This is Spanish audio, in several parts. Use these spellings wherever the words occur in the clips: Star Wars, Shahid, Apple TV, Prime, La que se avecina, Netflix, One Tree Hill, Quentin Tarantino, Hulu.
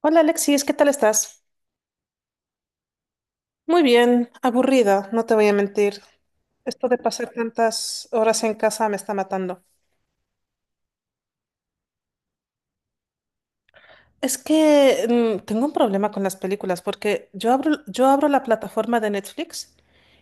Hola Alexis, ¿qué tal estás? Muy bien, aburrida, no te voy a mentir. Esto de pasar tantas horas en casa me está matando. Es que tengo un problema con las películas porque yo abro la plataforma de Netflix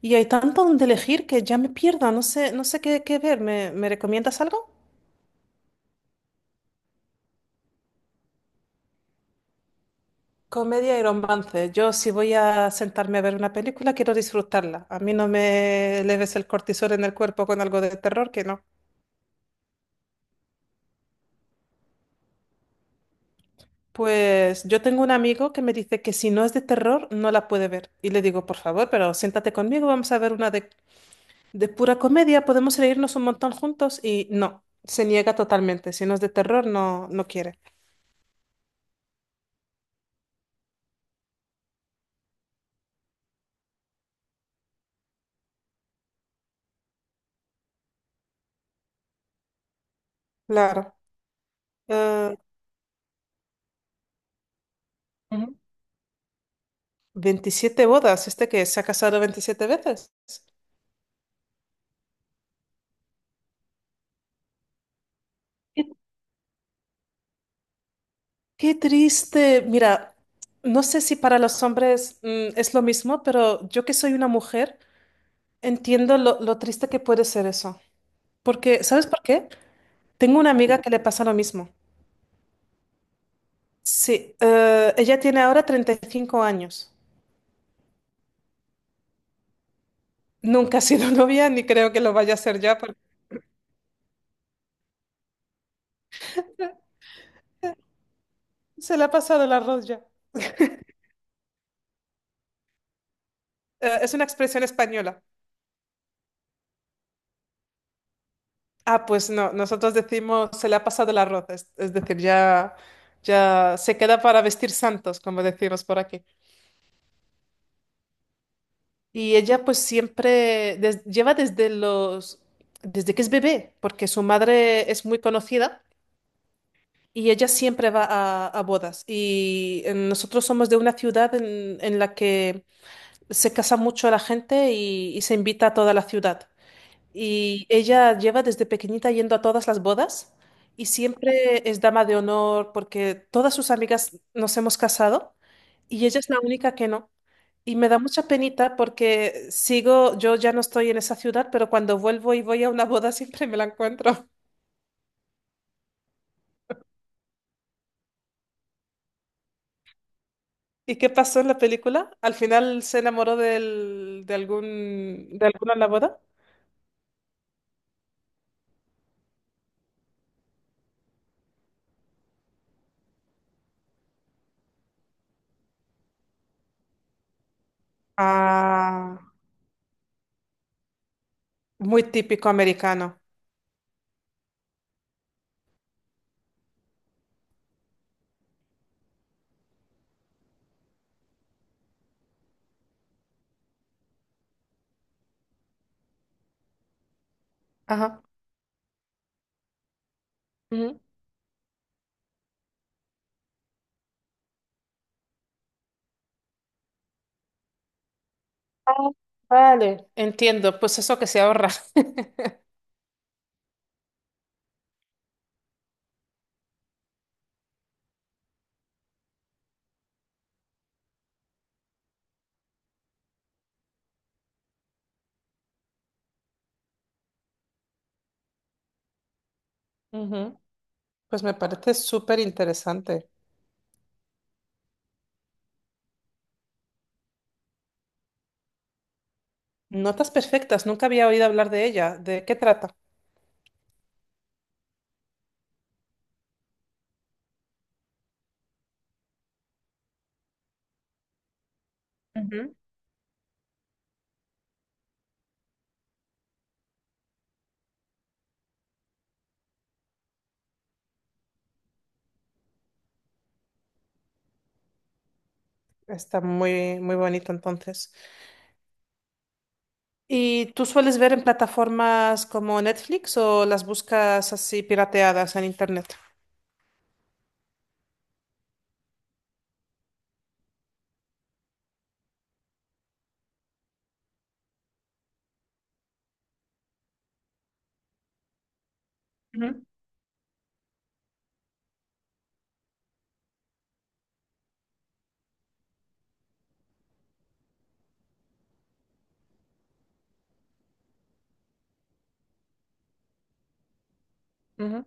y hay tanto donde elegir que ya me pierdo, no sé qué ver. ¿Me recomiendas algo? Comedia y romance. Yo si voy a sentarme a ver una película quiero disfrutarla. A mí no me leves el cortisol en el cuerpo con algo de terror que no. Pues yo tengo un amigo que me dice que si no es de terror, no la puede ver. Y le digo, por favor, pero siéntate conmigo, vamos a ver una de, pura comedia, podemos reírnos un montón juntos. Y no, se niega totalmente. Si no es de terror, no, no quiere. Claro. Eh, Ujú. 27 bodas, este que se ha casado 27 veces. Qué triste. Mira, no sé si para los hombres es lo mismo, pero yo que soy una mujer, entiendo lo triste que puede ser eso. Porque, ¿sabes por qué? Tengo una amiga que le pasa lo mismo. Sí, ella tiene ahora 35 años. Nunca ha sido novia ni creo que lo vaya a ser ya porque se le ha pasado el arroz ya. Es una expresión española. Ah, pues no, nosotros decimos se le ha pasado el arroz, es decir, ya, ya se queda para vestir santos, como decimos por aquí. Y ella pues siempre lleva desde que es bebé, porque su madre es muy conocida. Y ella siempre va a bodas. Y nosotros somos de una ciudad en la que se casa mucho a la gente y se invita a toda la ciudad. Y ella lleva desde pequeñita yendo a todas las bodas y siempre es dama de honor porque todas sus amigas nos hemos casado y ella es la única que no. Y me da mucha penita porque sigo, yo ya no estoy en esa ciudad, pero cuando vuelvo y voy a una boda siempre me la encuentro. ¿Y qué pasó en la película? ¿Al final se enamoró de alguna en la boda? Ah, muy típico americano. Ajá. Ujú. Ah, vale. Entiendo, pues eso que se ahorra. Ujú. Pues me parece súper interesante. Notas perfectas, nunca había oído hablar de ella. ¿De qué trata? Ujú. Está muy, muy bonito entonces. ¿Y tú sueles ver en plataformas como Netflix o las buscas así pirateadas en internet? Ujú, ujú.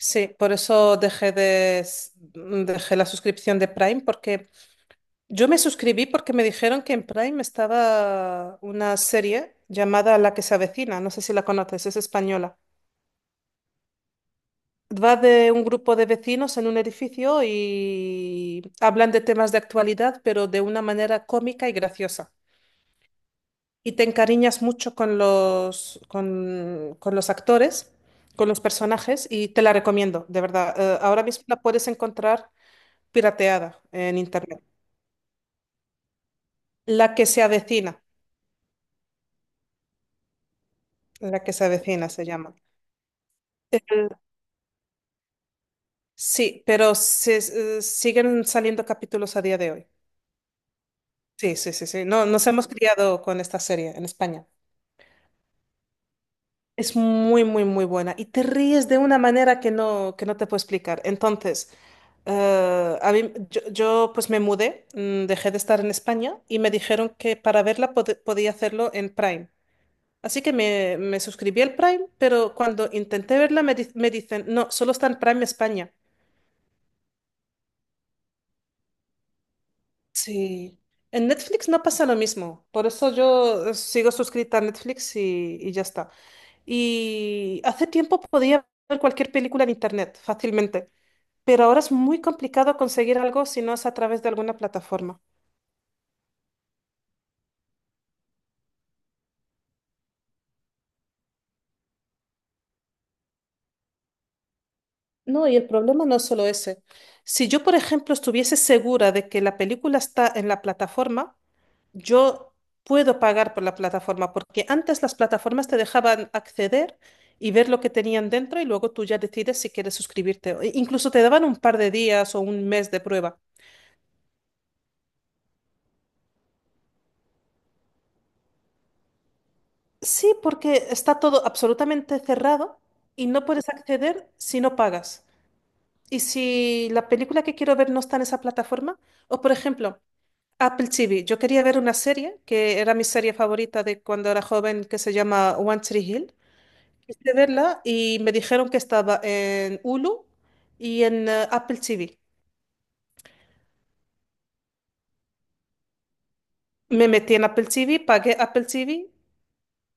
Sí, por eso dejé la suscripción de Prime, porque yo me suscribí porque me dijeron que en Prime estaba una serie llamada La que se avecina, no sé si la conoces, es española. Va de un grupo de vecinos en un edificio y hablan de temas de actualidad, pero de una manera cómica y graciosa. Y te encariñas mucho con los actores, con los personajes, y te la recomiendo, de verdad. Ahora mismo la puedes encontrar pirateada en internet. La que se avecina, la que se avecina se llama. El- sí, pero siguen saliendo capítulos a día de hoy. Sí, sí, sí, sí. No, nos hemos criado con esta serie en España. Es muy, muy, muy buena. Y te ríes de una manera que no te puedo explicar. Entonces, a mí, yo, pues me mudé, dejé de estar en España y me dijeron que para verla podía hacerlo en Prime. Así que me suscribí al Prime, pero cuando intenté verla me dicen, no, solo está en Prime España. Sí. En Netflix no pasa lo mismo, por eso yo sigo suscrita a Netflix y ya está. Y hace tiempo podía ver cualquier película en Internet fácilmente, pero ahora es muy complicado conseguir algo si no es a través de alguna plataforma. No, y el problema no es solo ese. Si yo, por ejemplo, estuviese segura de que la película está en la plataforma, yo puedo pagar por la plataforma, porque antes las plataformas te dejaban acceder y ver lo que tenían dentro y luego tú ya decides si quieres suscribirte, e incluso te daban un par de días o un mes de prueba. Sí, porque está todo absolutamente cerrado y no puedes acceder si no pagas. Y si la película que quiero ver no está en esa plataforma, o por ejemplo, Apple TV, yo quería ver una serie que era mi serie favorita de cuando era joven que se llama One Tree Hill. Quise verla y me dijeron que estaba en Hulu y en Apple TV. Me metí en Apple TV, pagué Apple TV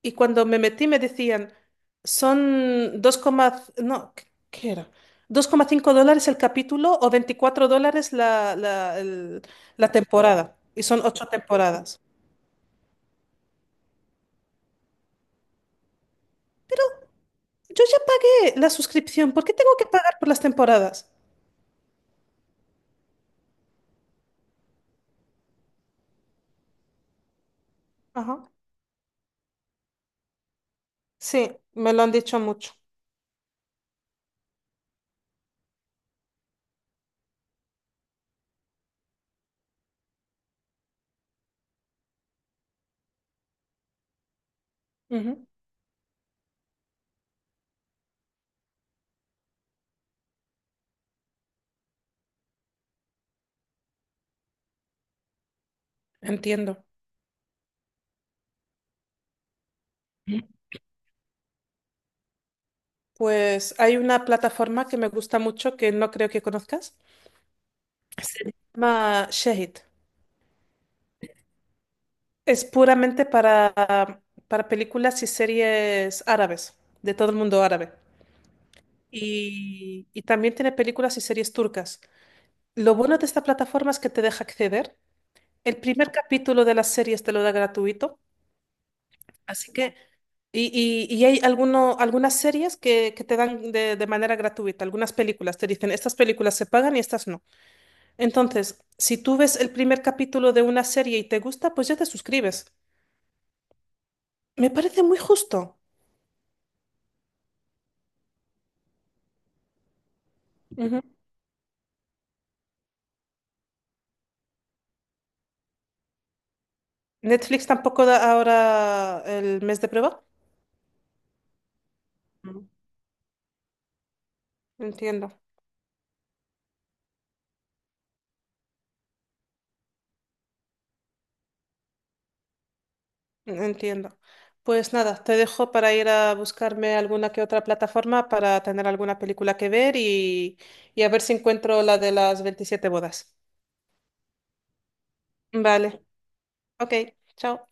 y cuando me metí me decían, son dos coma no, ¿qué era? Dos coma cinco dólares el capítulo o $24 la, la temporada. Y son ocho temporadas. Yo ya pagué la suscripción, ¿por qué tengo que pagar por las temporadas? Ajá. Sí, me lo han dicho mucho. Ujú. Entiendo. Pues hay una plataforma que me gusta mucho que no creo que conozcas. Se llama Shahid. Es puramente para, películas y series árabes, de todo el mundo árabe. Y también tiene películas y series turcas. Lo bueno de esta plataforma es que te deja acceder. El primer capítulo de las series te lo da gratuito. Así que, hay algunas series que te dan de manera gratuita, algunas películas. Te dicen, estas películas se pagan y estas no. Entonces, si tú ves el primer capítulo de una serie y te gusta, pues ya te suscribes. Me parece muy justo. Ujú. Netflix tampoco da ahora el mes de prueba. Mm. Entiendo, entiendo. Pues nada, te dejo para ir a buscarme alguna que otra plataforma para tener alguna película que ver y a ver si encuentro la de las 27 bodas. Vale, ok, chao.